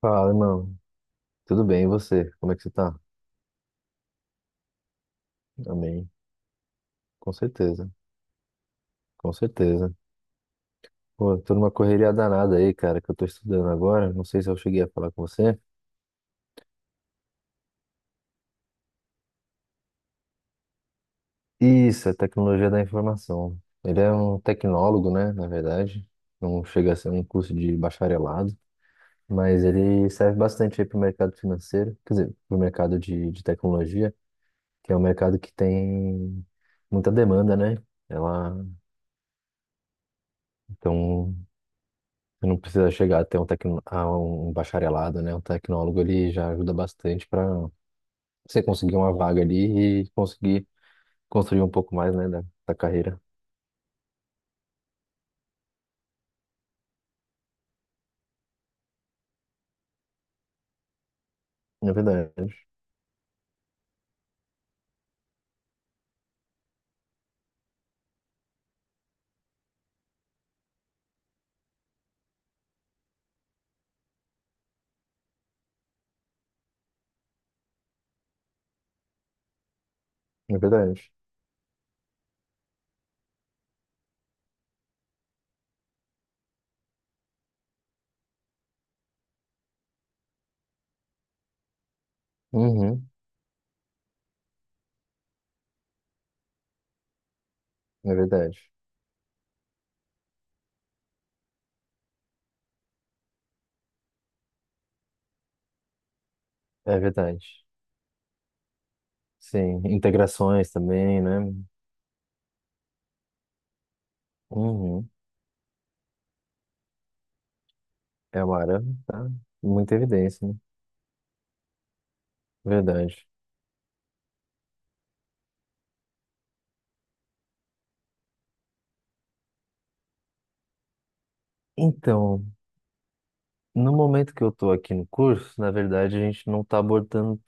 Fala, irmão. Tudo bem, e você? Como é que você tá? Amém. Com certeza, com certeza. Pô, tô numa correria danada aí, cara, que eu tô estudando agora. Não sei se eu cheguei a falar com você. Isso, é tecnologia da informação. Ele é um tecnólogo, né, na verdade. Não chega a ser um curso de bacharelado, mas ele serve bastante aí pro mercado financeiro, quer dizer, pro mercado de tecnologia, que é um mercado que tem muita demanda, né? Ela, então, você não precisa chegar até um, tecno, a um bacharelado, né? Um tecnólogo, ele já ajuda bastante para você conseguir uma vaga ali e conseguir construir um pouco mais, né, da carreira. É verdade, é verdade. Uhum, é verdade, é verdade. Sim, integrações também, né? Uhum. É uma área, tá? Muita evidência, né? Verdade. Então, no momento que eu estou aqui no curso, na verdade, a gente não está abordando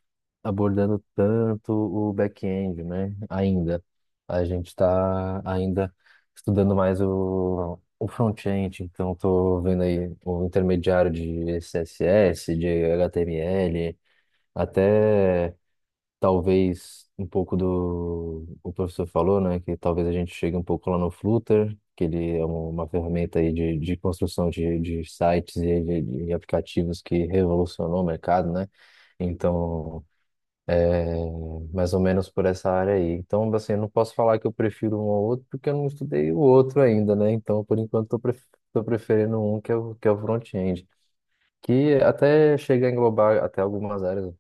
abordando tanto o back-end, né? Ainda. A gente está ainda estudando mais o front-end, então estou vendo aí o intermediário de CSS, de HTML, até talvez um pouco do o professor falou, né? Que talvez a gente chegue um pouco lá no Flutter, que ele é um, uma ferramenta aí de construção de sites e de aplicativos que revolucionou o mercado, né? Então. É, mais ou menos por essa área aí. Então, assim, eu não posso falar que eu prefiro um ao outro, porque eu não estudei o outro ainda, né? Então, por enquanto, tô preferindo um que é o front-end, que até chega a englobar até algumas áreas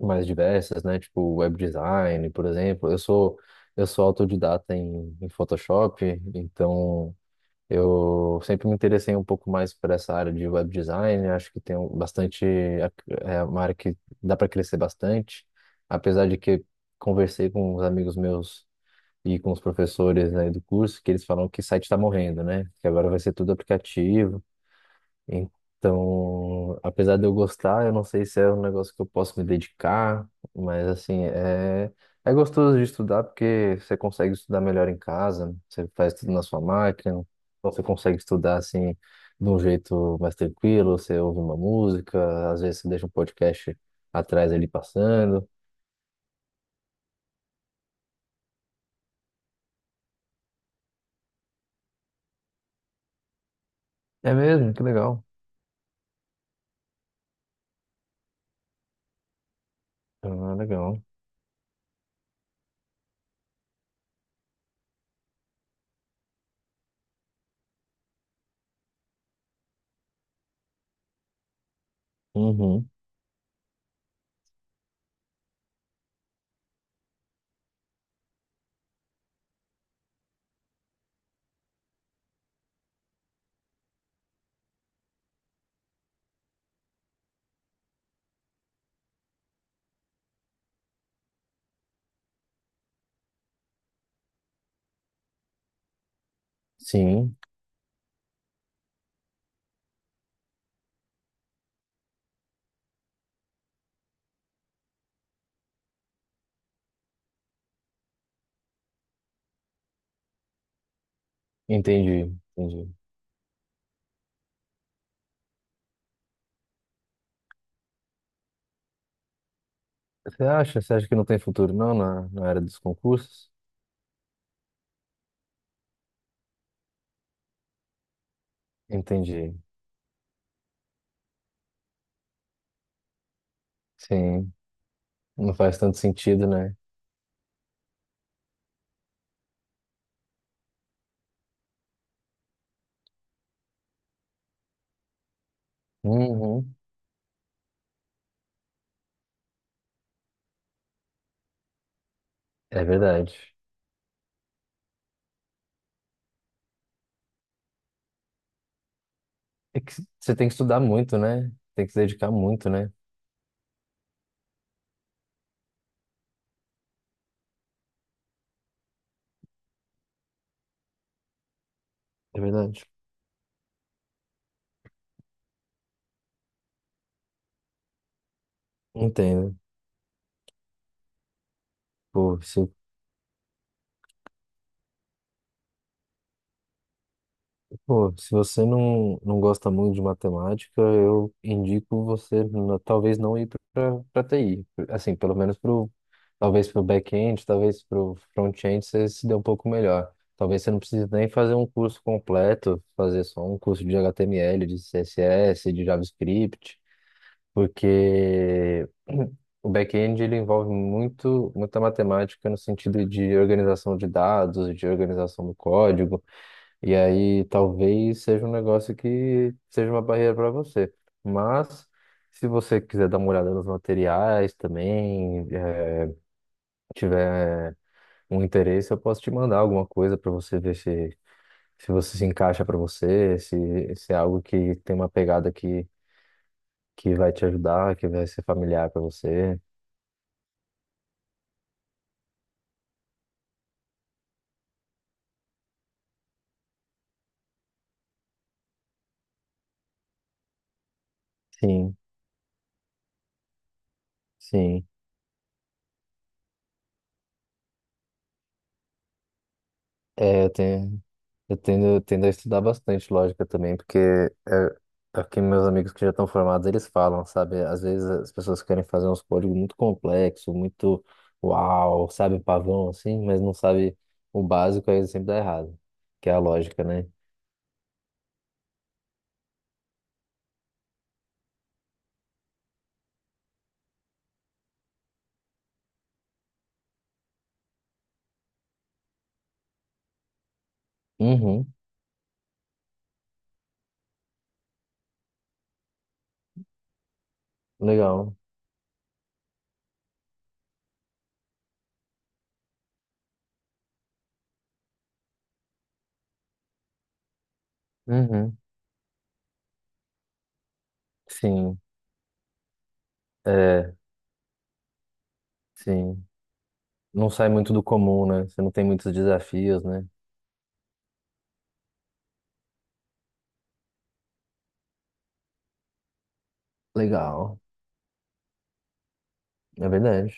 mais diversas, né? Tipo, web design, por exemplo. Eu sou autodidata em Photoshop, então eu sempre me interessei um pouco mais por essa área de web design, acho que bastante, é uma área que dá para crescer bastante, apesar de que conversei com os amigos meus e com os professores, né, do curso, que eles falam que site está morrendo, né? Que agora vai ser tudo aplicativo, então, apesar de eu gostar, eu não sei se é um negócio que eu posso me dedicar, mas assim, é, é gostoso de estudar porque você consegue estudar melhor em casa, você faz tudo na sua máquina, então você consegue estudar assim de um jeito mais tranquilo, você ouve uma música, às vezes você deixa um podcast atrás ali passando. É mesmo, que legal. Ah, legal. Uhum. Sim, entendi, entendi. Você acha? Você acha que não tem futuro não na, na área dos concursos? Entendi. Sim, não faz tanto sentido, né? Uhum. É verdade. É que você tem que estudar muito, né? Tem que se dedicar muito, né? É verdade. Entendo. Pô, se Pô, se você não, não gosta muito de matemática, eu indico você talvez não ir para TI. Assim, pelo menos pro, talvez para o back-end, talvez para o front-end você se dê um pouco melhor. Talvez você não precise nem fazer um curso completo, fazer só um curso de HTML, de CSS, de JavaScript, porque o back-end ele envolve muito, muita matemática no sentido de organização de dados, de organização do código. E aí talvez seja um negócio que seja uma barreira para você. Mas se você quiser dar uma olhada nos materiais também, tiver um interesse, eu posso te mandar alguma coisa para você ver se, se você se encaixa para você, se é algo que tem uma pegada que vai te ajudar, que vai ser familiar para você. Sim, sim. É, eu tenho, eu tendo a estudar bastante lógica também, porque é, é o que meus amigos que já estão formados, eles falam, sabe? Às vezes as pessoas querem fazer uns códigos muito complexos, muito uau, sabe, um pavão assim, mas não sabe o básico, aí sempre dá errado, que é a lógica, né? Uhum, legal. Uhum, sim, é, sim. Não sai muito do comum, né? Você não tem muitos desafios, né? Legal, é verdade,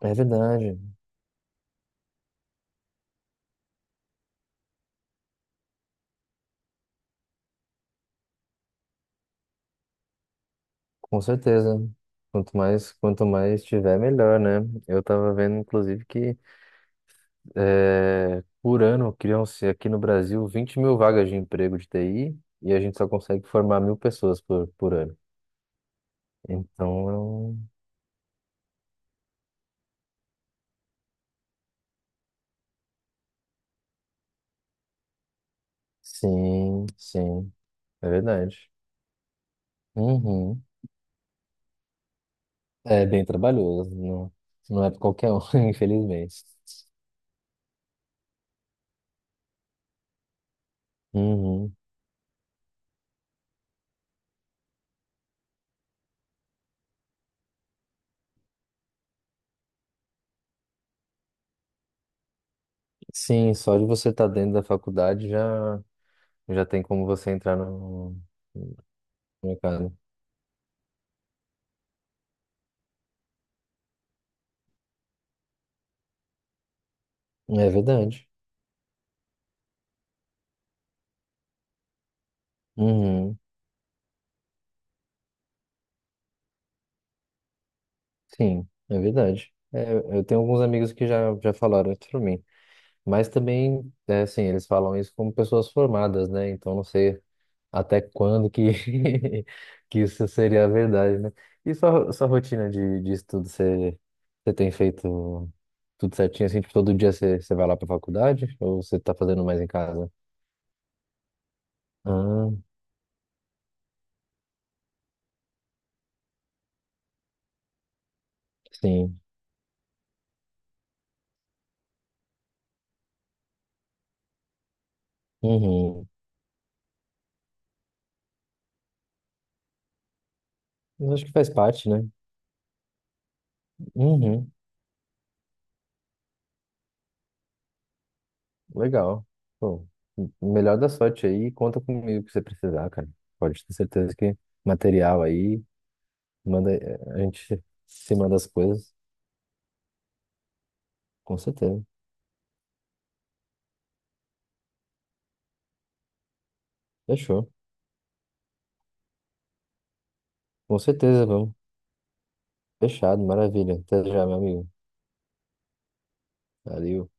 é verdade. Com certeza. Quanto mais tiver, melhor, né? Eu tava vendo, inclusive, que por ano criam-se aqui no Brasil 20 mil vagas de emprego de TI e a gente só consegue formar 1.000 pessoas por ano. Então, sim, sim, é verdade. Uhum. É bem trabalhoso, não, não é pra qualquer um, infelizmente. Uhum. Sim, só de você estar dentro da faculdade já, já tem como você entrar no no mercado. É verdade. Uhum. Sim, é verdade. É, eu tenho alguns amigos que já, já falaram isso pra mim. Mas também, é assim, eles falam isso como pessoas formadas, né? Então não sei até quando que, que isso seria a verdade, né? E sua, sua rotina de estudo, você, você tem feito tudo certinho, assim, tipo, todo dia você, você vai lá pra faculdade? Ou você tá fazendo mais em casa? Ah, sim. Uhum. Eu acho que faz parte, né? Uhum. Legal. Pô, melhor da sorte aí. Conta comigo que você precisar, cara. Pode ter certeza que material aí, manda, a gente se manda as coisas. Com certeza. Fechou. Com certeza, vamos. Fechado, maravilha. Até já, meu amigo. Valeu.